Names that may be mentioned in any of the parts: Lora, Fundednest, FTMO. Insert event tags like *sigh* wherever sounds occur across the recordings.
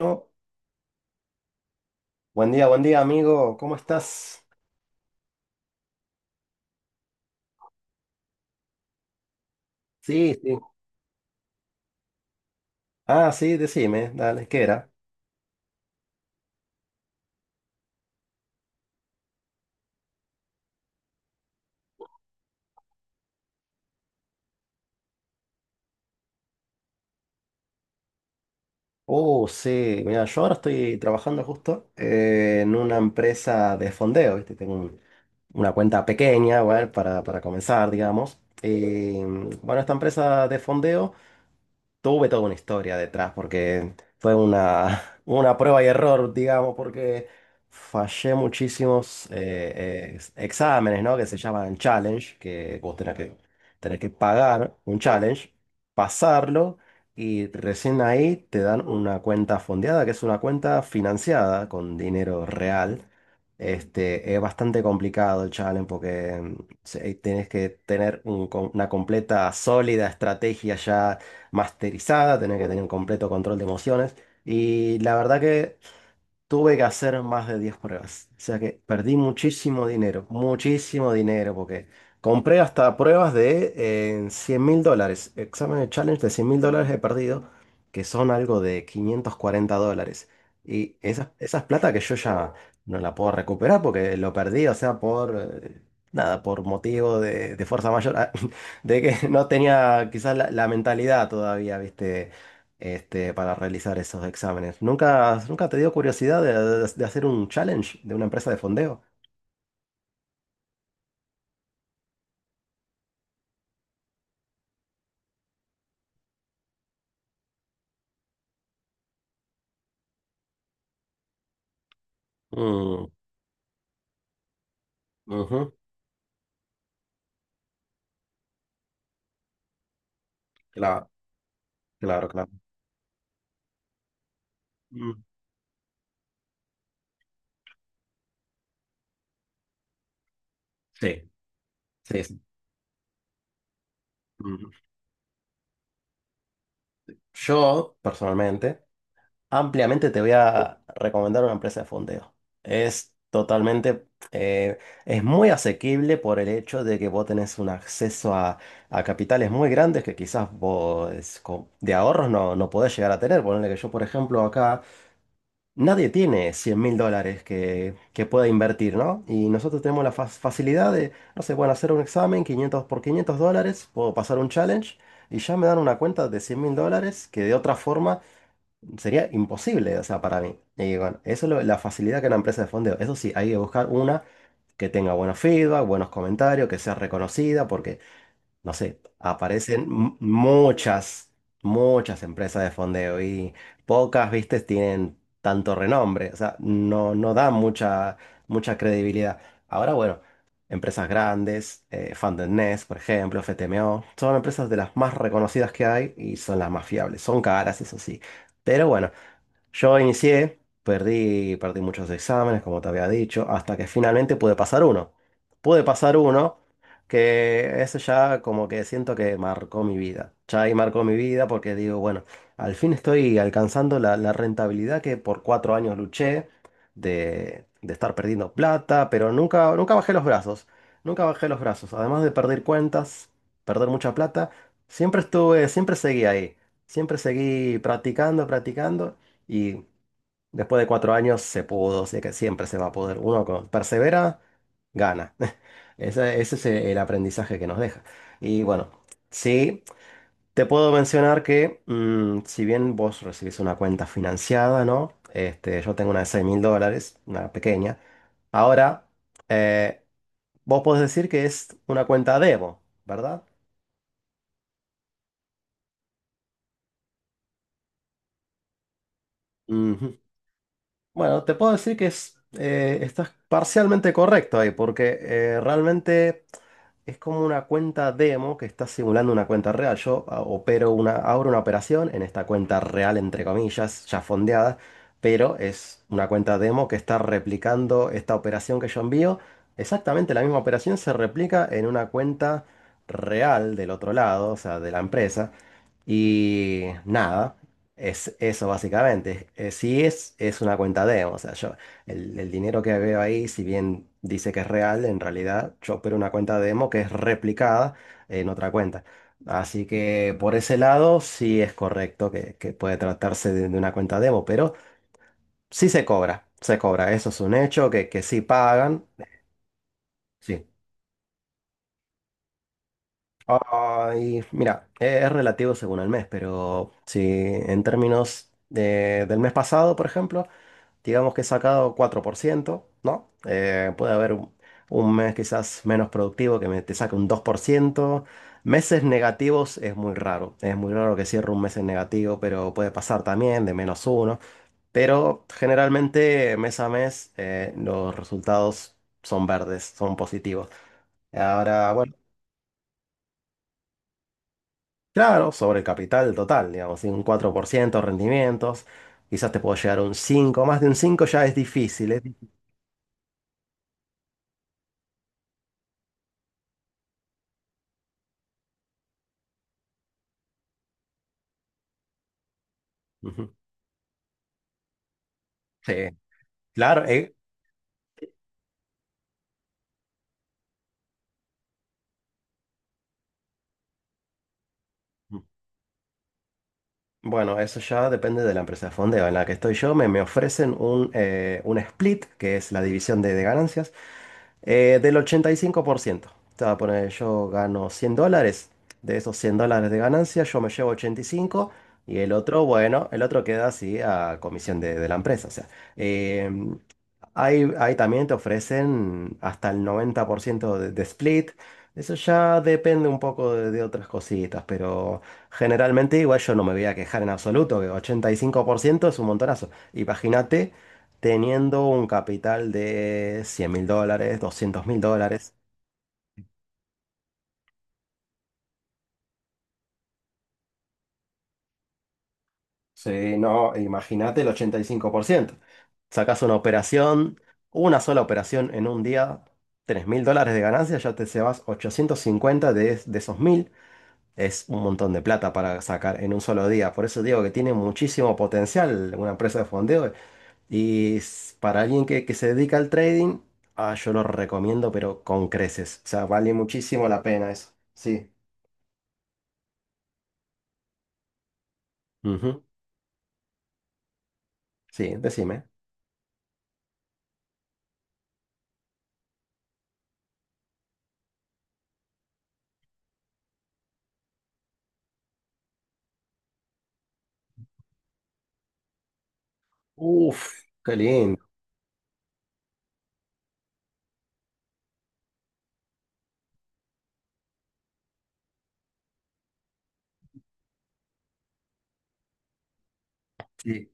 No. Buen día, amigo. ¿Cómo estás? Sí, sí. Ah, sí, decime, dale, ¿qué era? Oh, sí, mira, yo ahora estoy trabajando justo en una empresa de fondeo, ¿viste? Una cuenta pequeña, bueno, para comenzar, digamos. Bueno, esta empresa de fondeo tuve toda una historia detrás porque fue una, *laughs* una prueba y error, digamos, porque fallé muchísimos exámenes, ¿no? Que se llaman challenge, que tenés que pagar un challenge, pasarlo y recién ahí te dan una cuenta fondeada, que es una cuenta financiada con dinero real. Este, es bastante complicado el challenge porque tenés que tener una completa, sólida estrategia ya masterizada, tenés que tener un completo control de emociones. Y la verdad que tuve que hacer más de 10 pruebas. O sea que perdí muchísimo dinero, porque compré hasta pruebas de $100.000. Exámenes de challenge de $100.000 he perdido, que son algo de $540. Y esas plata que yo ya no la puedo recuperar porque lo perdí, o sea, por eh, nada, por motivo de fuerza mayor, *laughs* de que no tenía quizás la mentalidad todavía, ¿viste? Este, para realizar esos exámenes. ¿Nunca, nunca te dio curiosidad de hacer un challenge de una empresa de fondeo? Mm, ujú. Claro, claro, claro. Mm. Sí, sí, sí. Mm. Yo, personalmente, ampliamente te voy a recomendar una empresa de fondeo. Es totalmente, es muy asequible por el hecho de que vos tenés un acceso a capitales muy grandes que de ahorros no, no podés llegar a tener. Ponele que yo, por ejemplo, acá... Nadie tiene $100.000 que pueda invertir, ¿no? Y nosotros tenemos facilidad de, no sé, bueno, hacer un examen 500 por $500, puedo pasar un challenge y ya me dan una cuenta de $100.000 que de otra forma sería imposible, o sea, para mí. Y bueno, eso es la facilidad que una empresa de fondeo. Eso sí, hay que buscar una que tenga buenos feedback, buenos comentarios, que sea reconocida, porque no sé, aparecen muchas, muchas empresas de fondeo y pocas, viste, tienen tanto renombre, o sea, no, no dan mucha, mucha credibilidad. Ahora, bueno, empresas grandes, Fundednest, por ejemplo, FTMO, son empresas de las más reconocidas que hay y son las más fiables, son caras, eso sí, pero bueno. Yo inicié, perdí muchos exámenes, como te había dicho, hasta que finalmente pude pasar uno. Pude pasar uno, que eso ya como que siento que marcó mi vida. Ya ahí marcó mi vida porque digo, bueno, al fin estoy alcanzando la rentabilidad que por 4 años luché de estar perdiendo plata, pero nunca, nunca bajé los brazos. Nunca bajé los brazos. Además de perder cuentas, perder mucha plata, siempre estuve, siempre seguí ahí. Siempre seguí practicando, practicando y después de 4 años se pudo, sé que siempre se va a poder. Persevera, gana. *laughs* Ese es el aprendizaje que nos deja. Y bueno, sí, te puedo mencionar que si bien vos recibís una cuenta financiada, ¿no? Este, yo tengo una de 6 mil dólares, una pequeña. Ahora, eh, vos podés decir que es una cuenta demo, ¿verdad? Ujú. Bueno, te puedo decir que es, estás parcialmente correcto ahí, porque realmente... Es como una cuenta demo que está simulando una cuenta real. Yo abro una operación en esta cuenta real, entre comillas, ya fondeada, pero es una cuenta demo que está replicando esta operación que yo envío. Exactamente la misma operación se replica en una cuenta real del otro lado, o sea, de la empresa. Y nada, es eso básicamente. Sí es una cuenta demo, o sea, yo, el dinero que veo ahí, si bien dice que es real, en realidad yo opero una cuenta demo que es replicada en otra cuenta. Así que por ese lado sí es correcto que puede tratarse de una cuenta demo, pero sí se cobra, eso es un hecho que sí pagan. Sí. Ay, mira, es relativo según el mes, pero si en términos del mes pasado, por ejemplo, digamos que he sacado 4%, ¿no? Puede haber un mes quizás menos productivo que me, te saque un 2%. Meses negativos es muy raro que cierre un mes en negativo, pero puede pasar también de menos uno. Pero generalmente mes a mes los resultados son verdes, son positivos. Ahora, bueno. Claro, sobre el capital total, digamos, ¿sí? Un 4% de rendimientos, quizás te puedo llegar a un 5, más de un 5 ya es difícil. Ujú. Sí, claro, bueno, eso ya depende de la empresa de fondeo en la que estoy yo, me ofrecen un split, que es la división de ganancias, del 85%. Te voy a poner, yo gano $100, de esos $100 de ganancia yo me llevo 85 y el otro, bueno, el otro queda así a comisión de la empresa, o sea. eh, ahí también te ofrecen hasta el 90% de split. Eso ya depende un poco de otras cositas, pero generalmente igual yo no me voy a quejar en absoluto, que 85% es un montonazo. Imagínate teniendo un capital de $100.000, $200.000. Sí, no, imagínate el 85%. Sacas una operación, una sola operación en un día, $3.000 de ganancia, ya te llevas 850 de esos 1000. Es un montón de plata para sacar en un solo día. Por eso digo que tiene muchísimo potencial una empresa de fondeo. Para alguien que se dedica al trading, yo lo recomiendo, pero con creces. O sea, vale muchísimo la pena eso. Sí. Ujú. Sí, decime. Uf, qué lindo. Sí.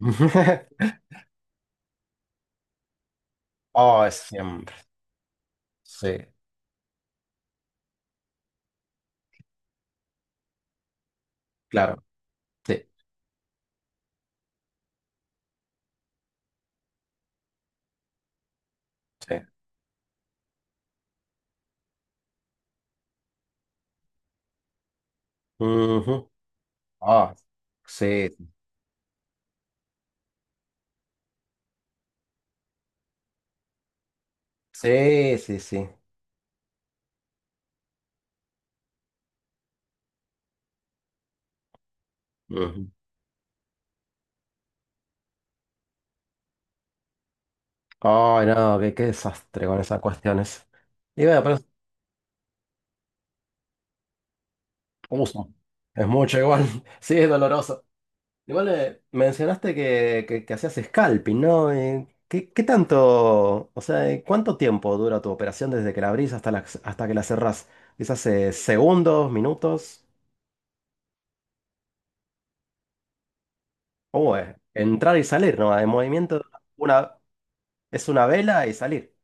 *laughs* Oh, es siempre. Sí, claro. Sí, sí. Ujú. Ah, sí, sí, sí, sí. Ujú. Ay, no, qué, qué desastre con esas cuestiones. Y bueno, pero es uso. Es mucho igual. *laughs* Sí, es doloroso. Igual mencionaste que hacías scalping, ¿no? ¿Qué, qué tanto, o sea, cuánto tiempo dura tu operación desde que la abrís hasta, la, hasta que la cerrás? Quizás segundos, minutos. O entrar y salir, ¿no? En movimiento una, es una vela y salir.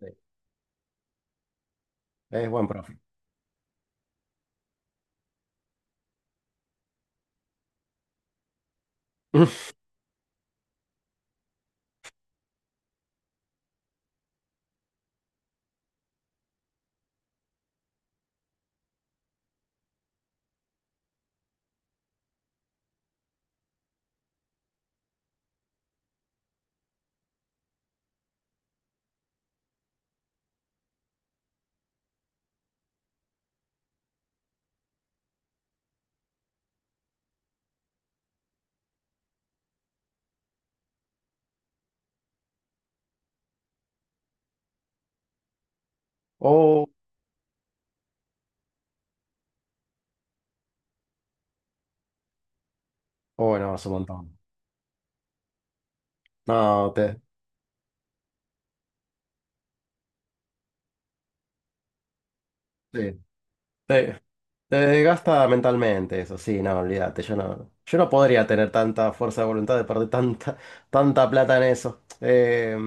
Sí, es buen profe. *laughs* Oh, oh, no, es un montón. No, te, sí, sí. Te desgasta mentalmente, eso sí, no, olvídate, yo no, yo no podría tener tanta fuerza de voluntad de perder tanta, tanta plata en eso.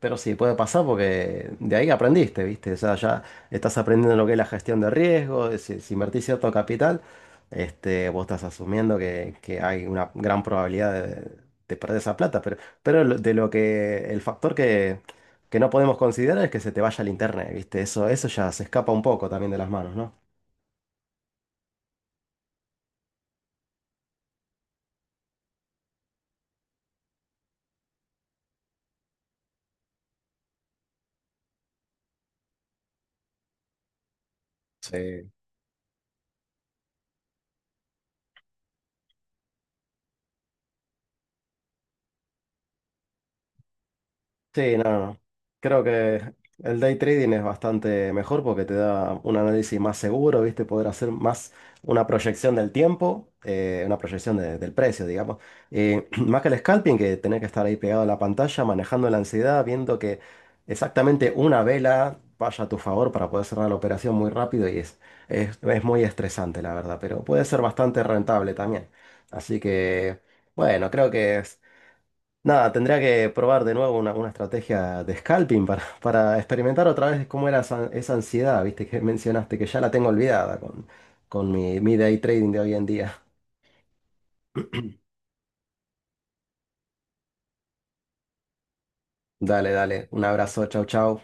Pero sí, puede pasar porque de ahí aprendiste, ¿viste? O sea, ya estás aprendiendo lo que es la gestión de riesgo, de si, si invertís cierto capital, este, vos estás asumiendo que hay una gran probabilidad de perder esa plata, pero de lo que el factor que no podemos considerar es que se te vaya el internet, ¿viste? Eso ya se escapa un poco también de las manos, ¿no? Sí. Sí, no, no, no. Creo que el day trading es bastante mejor porque te da un análisis más seguro, ¿viste? Poder hacer más una proyección del tiempo, una proyección del precio, digamos. Y *clears throat* más que el scalping, que tenés que estar ahí pegado a la pantalla, manejando la ansiedad, viendo que exactamente una vela vaya a tu favor para poder cerrar la operación muy rápido y es muy estresante, la verdad, pero puede ser bastante rentable también. Así que, bueno, creo que... Nada, tendría que probar de nuevo una estrategia de scalping para experimentar otra vez cómo era esa, esa ansiedad, viste, que mencionaste, que ya la tengo olvidada con mi, mi day trading de hoy en día. *clears throat* Dale, dale, un abrazo, chau, chau.